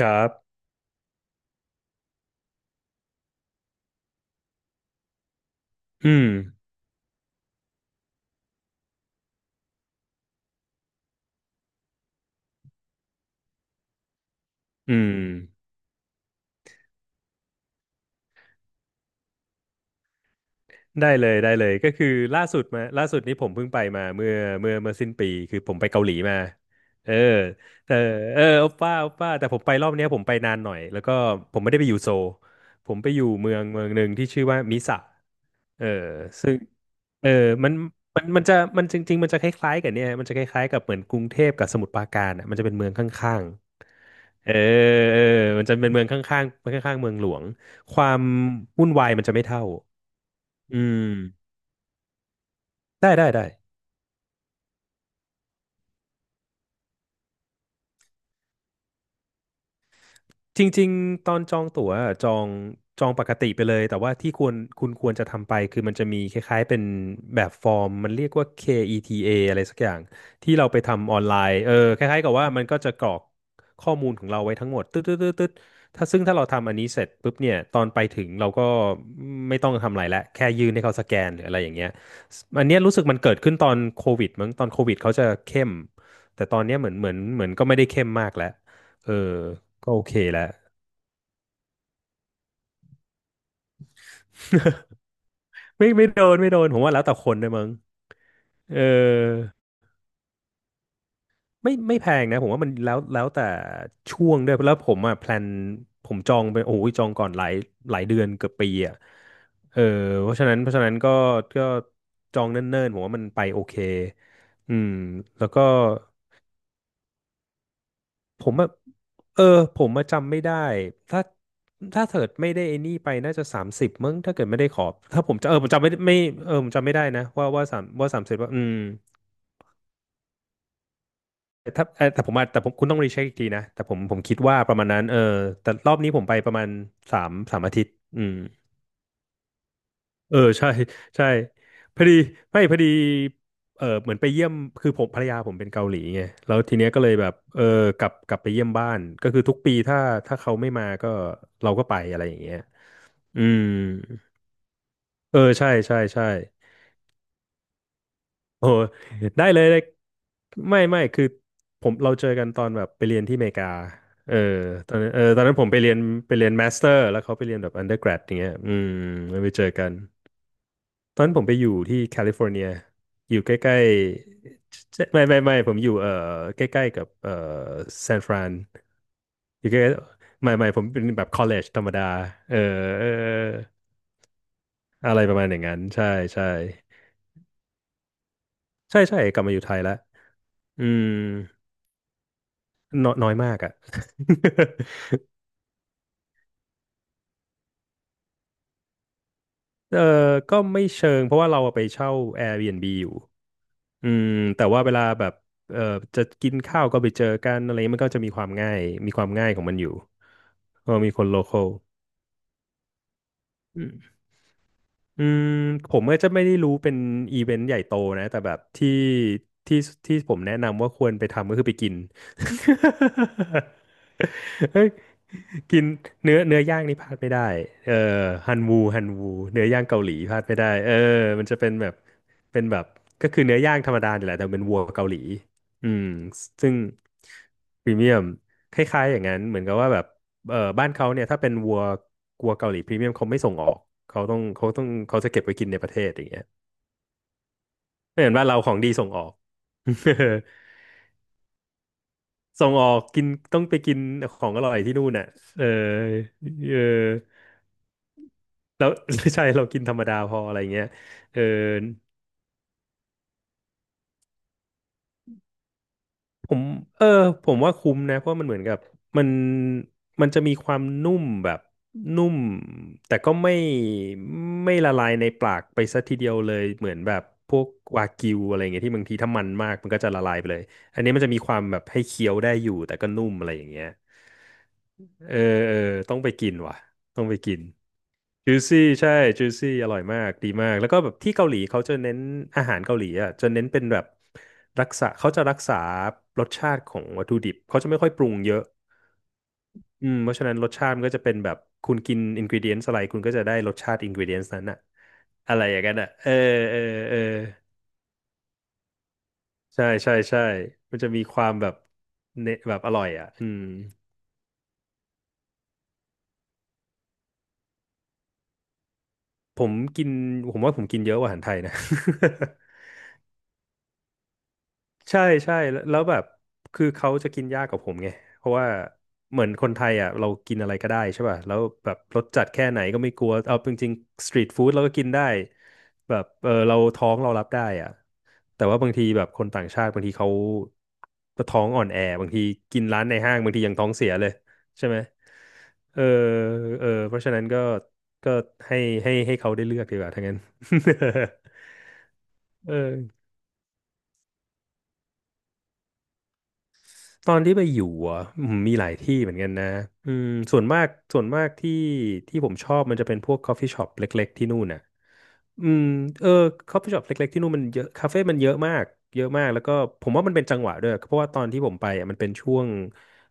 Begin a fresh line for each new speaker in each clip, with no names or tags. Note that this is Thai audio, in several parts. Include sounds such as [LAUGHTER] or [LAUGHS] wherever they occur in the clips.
ครับ อืม อืม ได้เลย ได้เลยก็คือล่าสุดนี้ผมเพิ่งไปมาเมื่อสิ้นปีคือผมไปเกาหลีมา เออแต่โอปป้าโอปป้า แต่ผมไปรอบเนี้ยผมไปนานหน่อย แล้วก็ผมไม่ได้ไปอยู่โซลผมไปอยู่เมืองหนึ่งที่ชื่อว่ามิสะ เออซึ่งเออมันมันจริงๆมันจะคล้ายๆกับเหมือนกรุงเทพกับสมุทรปราการอ่ะมันจะเป็นเมืองข้างๆเออเออมันจะเป็นเมืองข้างๆข้างๆเมืองหลวง ความวุ่นวายมันจะไม่เท่าอืมได้ได้ได้ จริงๆตอนจองตั๋วอะจองปกติไปเลยแต่ว่าที่ควรคุณควรจะทำไปคือมันจะมีคล้ายๆเป็นแบบฟอร์มมันเรียกว่า KETA อทีเออะไรสักอย่างที่เราไปทำออนไลน์เออคล้ายๆกับว่ามันก็จะกรอกข้อมูลของเราไว้ทั้งหมดตึ๊ดตึ๊ดตึ๊ดตึ๊ดซึ่งถ้าเราทำอันนี้เสร็จปุ๊บเนี่ยตอนไปถึงเราก็ไม่ต้องทำอะไรละแค่ยื่นให้เขาสแกนหรืออะไรอย่างเงี้ยอันเนี้ยรู้สึกมันเกิดขึ้นตอนโควิดมั้งตอนโควิดเขาจะเข้มแต่ตอนเนี้ยเหมือนก็ไม่ได้เข้มมากแล้วเออก็โอเคแล้ว ไม่ไม่โดนไม่โดนผมว่าแล้วแต่คนด้วยมั้งเออไม่ไม่แพงนะผมว่ามันแล้วแต่ช่วงด้วยแล้วผมอ่ะแพลนผมจองไปโอ้ยจองก่อนหลายเดือนเกือบปีอ่ะเออเพราะฉะนั้นเพราะฉะนั้นก็จองเนิ่นๆผมว่ามันไปโอเคอืมแล้วก็ผมอ่ะเออผมมาจำไม่ได้ถ้าถ้าเกิดไม่ได้ไอ้นี่ไปน่าจะสามสิบมั้งถ้าเกิดไม่ได้ขอถ้าผมจะเออผมจำไม่ไไม่เออผมจำไม่ได้นะว่าสามสิบว่าอืม ถ้าเอ่อแต่ผมอาจแต่ผมคุณต้องรีเช็คอีกทีนะแต่ผมคิดว่าประมาณนั้นเออแต่รอบนี้ผมไปประมาณสามอาทิตย์อืมเออใช่ใช่พอดีไม่พอดีเออเหมือนไปเยี่ยมคือผมภรรยาผมเป็นเกาหลีไงแล้วทีเนี้ยก็เลยแบบเออกลับไปเยี่ยมบ้านก็คือทุกปีถ้าเขาไม่มาก็เราก็ไปอะไรอย่างเงี้ยอืมเออใช่ใช่ใช่ โอ้ได้เลยได้ไม่ไม่คือเราเจอกันตอนแบบไปเรียนที่อเมริกาเออตอนนั้นผมไปเรียนมาสเตอร์แล้วเขาไปเรียนแบบอันเดอร์แกรดอย่างเงี้ยอืมแล้วไปเจอกันตอนนั้นผมไปอยู่ที่แคลิฟอร์เนียอยู่ใกล้ๆไม่ผมอยู่เออใกล้ๆกับเออซานฟรานอยู่ใกล้ๆไม่ผมเป็นแบบคอลเลจธรรมดาเออเอออะไรประมาณอย่างนั้นใช่ใช่ใช่ใช่กลับมาอยู่ไทยแล้วอืม น้อยน้อยมากอ่ะ [LAUGHS] เออก็ไม่เชิงเพราะว่าเราไปเช่า Airbnb อยู่อืมแต่ว่าเวลาแบบเออจะกินข้าวก็ไปเจอกันอะไรมันก็จะมีความง่ายของมันอยู่ก็มีคนโลคอล อืมผมก็จะไม่ได้รู้เป็นอีเวนต์ใหญ่โตนะแต่แบบที่ที่ผมแนะนำว่าควรไปทำก็คือไปกิน [LAUGHS] เฮ้ยกินเนื้อย่างนี่พลาดไม่ได้เออฮันวูฮันวูเนื้อย่างเกาหลีพลาดไม่ได้เออมันจะเป็นแบบก็คือเนื้อย่างธรรมดาเนี่ยแหละแต่เป็นวัวเกาหลีอืมซึ่งพรีเมียมคล้ายๆอย่างนั้นเหมือนกับว่าแบบ เอ่อบ้านเขาเนี่ยถ้าเป็นวัวเกาหลีพรีเมียมเขาไม่ส่งออกเขาจะเก็บไว้กินในประเทศอย่างเงี้ยไม่เห็นว่าเราของดีส่งออก [LAUGHS] ส่งออกกินต้องไปกินของอร่อยที่นู่นน่ะเออเออแล้ว [LAUGHS] ใช่เรากินธรรมดาพออะไรเงี้ยเออ ผมเออผมว่าคุ้มนะเพราะมันเหมือนกับมันมันจะมีความนุ่มแบบนุ่มแต่ก็ไม่ละลายในปากไปซะทีเดียวเลยเหมือนแบบพวกวากิวอะไรเงี้ยที่บางทีถ้ามันมากมันก็จะละลายไปเลยอันนี้มันจะมีความแบบให้เคี้ยวได้อยู่แต่ก็นุ่มอะไรอย่างเงี้ยเออเออต้องไปกินว่ะต้องไปกิน จูซี่ใช่จูซี่อร่อยมากดีมากแล้วก็แบบที่เกาหลีเขาจะเน้นอาหารเกาหลีอ่ะจะเน้นเป็นแบบรักษาเขาจะรักษารสชาติของวัตถุดิบเขาจะไม่ค่อยปรุงเยอะเพราะฉะนั้นรสชาติมันก็จะเป็นแบบคุณกินอินก e เดียน s อะไรคุณก็จะได้รสชาติอินก e เดียน s นั้นอะอะไรอย่างนั้นอะเออเออเออใช่ใช่ใช่มันจะมีความแบบเนแบบอร่อยอ่ะอืมผมกินผมว่าผมกินเยอะกว่าอาหารไทยนะ [LAUGHS] ใช่ใช่แล้วแบบคือเขาจะกินยากกว่าผมไงเพราะว่าเหมือนคนไทยอ่ะเรากินอะไรก็ได้ใช่ป่ะแล้วแบบรสจัดแค่ไหนก็ไม่กลัวเอาจริงๆสตรีทฟู้ดเราก็กินได้แบบเออเราท้องเรารับได้อ่ะแต่ว่าบางทีแบบคนต่างชาติบางทีเขาท้องอ่อนแอบางทีกินร้านในห้างบางทียังท้องเสียเลยใช่ไหมเออเออเพราะฉะนั้นก็ให้ให้เขาได้เลือกดีกว่าทั้างนั้น [LAUGHS] เออ ตอนที่ไปอยู่อ่ะอืมมีหลายที่เหมือนกันนะอืมส่วนมากส่วนมากที่ผมชอบมันจะเป็นพวก coffee shop เล็กๆที่นู่นน่ะอืมเออ coffee shop เล็กๆที่นู่นมันเยอะคาเฟ่มันเยอะมากเยอะมากแล้วก็ผมว่ามันเป็นจังหวะด้วยเพราะว่าตอนที่ผมไปอ่ะมันเป็นช่วง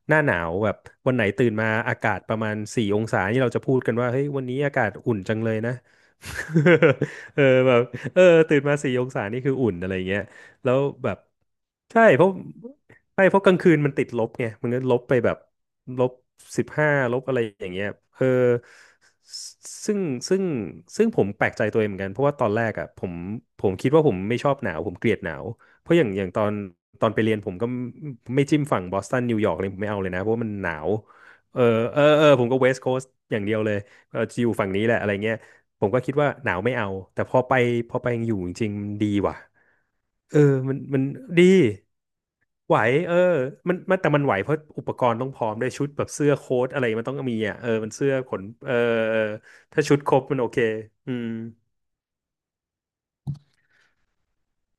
หน้าหนาวแบบวันไหนตื่นมาอากาศประมาณสี่องศานี่เราจะพูดกันว่าเฮ้ยวันนี้อากาศอุ่นจังเลยนะ [LAUGHS] เออแบบเออตื่นมาสี่องศานี่คืออุ่นอะไรเงี้ยแล้วแบบใช่เพราะ ใช่เพราะกลางคืนมันติดลบไงมันก็ลบไปแบบลบ15ลบอะไรอย่างเงี้ยเออซึ่งซึ่งซึ่งผมแปลกใจตัวเองเหมือนกันเพราะว่าตอนแรกอ่ะผมคิดว่าผมไม่ชอบหนาวผมเกลียดหนาวเพราะอย่างตอนไปเรียนผมก็ไม่จิ้มฝั่งบอสตันนิวยอร์กเลยผมไม่เอาเลยนะเพราะว่ามันหนาวเออเออเออผมก็เวสต์โคสต์อย่างเดียวเลยเออจะอยู่ฝั่งนี้แหละอะไรเงี้ยผมก็คิดว่าหนาวไม่เอาแต่พอไปอยู่จริงๆมันดีว่ะเออมันดี ไหวเออมันมันแต่มันไหวเพราะอุปกรณ์ต้องพร้อมด้วยชุดแบบเสื้อโค้ทอะไรมันต้องมีอ่ะเออมันเสื้อขนเออเออถ้าชุดครบมันโอเคอืม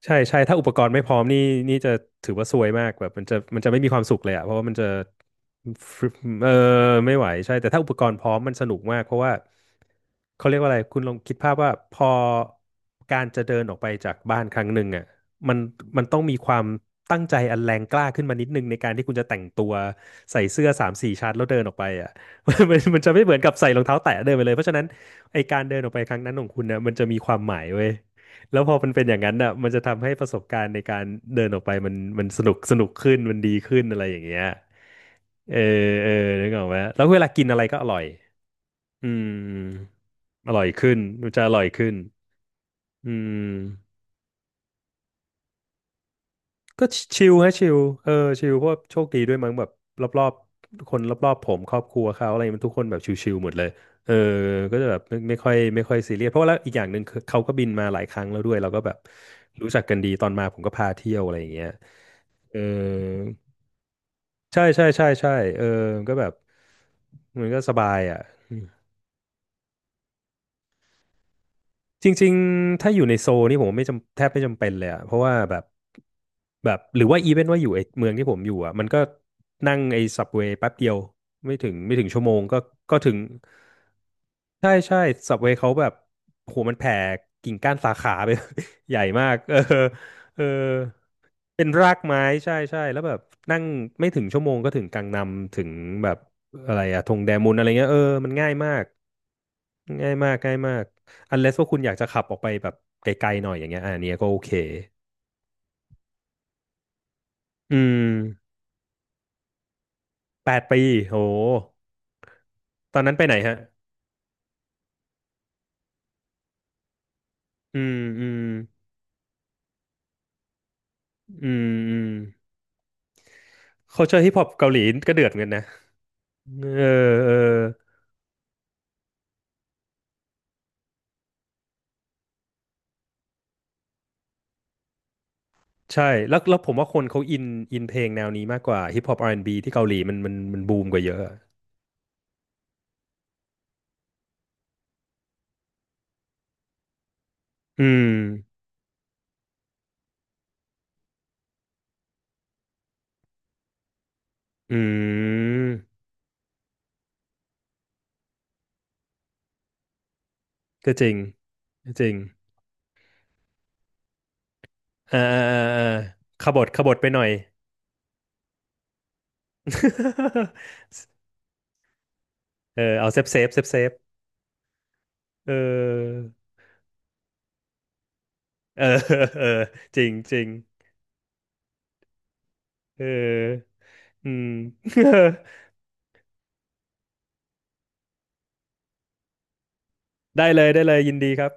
ใช่ใช่ถ้าอุปกรณ์ไม่พร้อมนี่จะถือว่าซวยมากแบบมันจะไม่มีความสุขเลยอ่ะเพราะว่ามันจะฟรึเออไม่ไหวใช่แต่ถ้าอุปกรณ์พร้อมมันสนุกมากเพราะว่าเขาเรียกว่าอะไรคุณลองคิดภาพว่าพอการจะเดินออกไปจากบ้านครั้งหนึ่งอ่ะมันมันต้องมีความตั้งใจอันแรงกล้าขึ้นมานิดนึงในการที่คุณจะแต่งตัวใส่เสื้อ3-4 ชั้นแล้วเดินออกไปอ่ะ [LAUGHS] มันจะไม่เหมือนกับใส่รองเท้าแตะเดินไปเลยเพราะฉะนั้นไอการเดินออกไปครั้งนั้นของคุณนะมันจะมีความหมายเว้ย แล้วพอมันเป็นอย่างนั้นอ่ะมันจะทำให้ประสบการณ์ในการเดินออกไปมันสนุกสนุกขึ้นมันดีขึ้นอะไรอย่างเงี้ยเออเออนึกออกไหมแล้วเวลากินอะไรก็อร่อยอืมอร่อยขึ้นมันจะอร่อยขึ้นอืม ก็ชิลฮะชิลเออชิลเพราะว่าโชคดีด้วยมั้งแบบรอบๆคนรอบๆผมครอบครัวเขาอะไรมันทุกคนแบบชิลๆหมดเลยเออก็จะแบบไม่ไม่ค่อยซีเรียสเพราะว่าแล้วอีกอย่างหนึ่งคือเขาก็บินมาหลายครั้งแล้วด้วยเราก็แบบรู้จักกันดีตอนมาผมก็พาเที่ยวอะไรอย่างเงี้ยเออใช่ใช่ใช่ใช่เออก็แบบมันก็สบายอ่ะ จริงๆ ถ้าอยู่ในโซลนี่ผมไม่จำแทบไม่จำเป็นเลยอะเพราะว่าแบบแบบหรือว่าอีเวนว่าอยู่ไอ้เมืองที่ผมอยู่อะมันก็นั่งไอ้ซับเวย์แป๊บเดียวไม่ถึงชั่วโมงก็ก็ถึงใช่ใช่ซับเวย์เขาแบบโหมันแผ่กิ่งก้านสาขาไป [LAUGHS] ใหญ่มากเออเออ เป็นรากไม้ใช่ใช่แล้วแบบนั่งไม่ถึงชั่วโมงก็ถึงกังนัมถึงแบบอะไรอะธงแดมุนอะไรเงี้ยเออมันง่ายมากง่ายมากง่ายมากอันเลสว่าคุณอยากจะขับออกไปแบบไกลๆหน่อยอย่างเงี้ยอะอันเนี้ยก็โอเคอืม8 ปีโหตอนนั้นไปไหนฮะอืมอืมอืมอืม culture hip hop เกาหลีก็เดือดเหมือนกันนะเออเออใช่แล้วแล้วผมว่าคนเขาอินเพลงแนวนี้มากกว่าฮิปฮอปอาร์แอนด์บีที่เกาหลีมันมันบูมกว่าเยอะ อืมอืมก็จริงก็จริงอ่าอ่าอ่าอ่าขบถขบถไปหน่อย [LAUGHS] เออเอาเซฟเซฟเซฟเซฟเออเออ [LAUGHS] เออจริงจริงเอออืม [LAUGHS] ได้เลยได้เลยยินดีครับ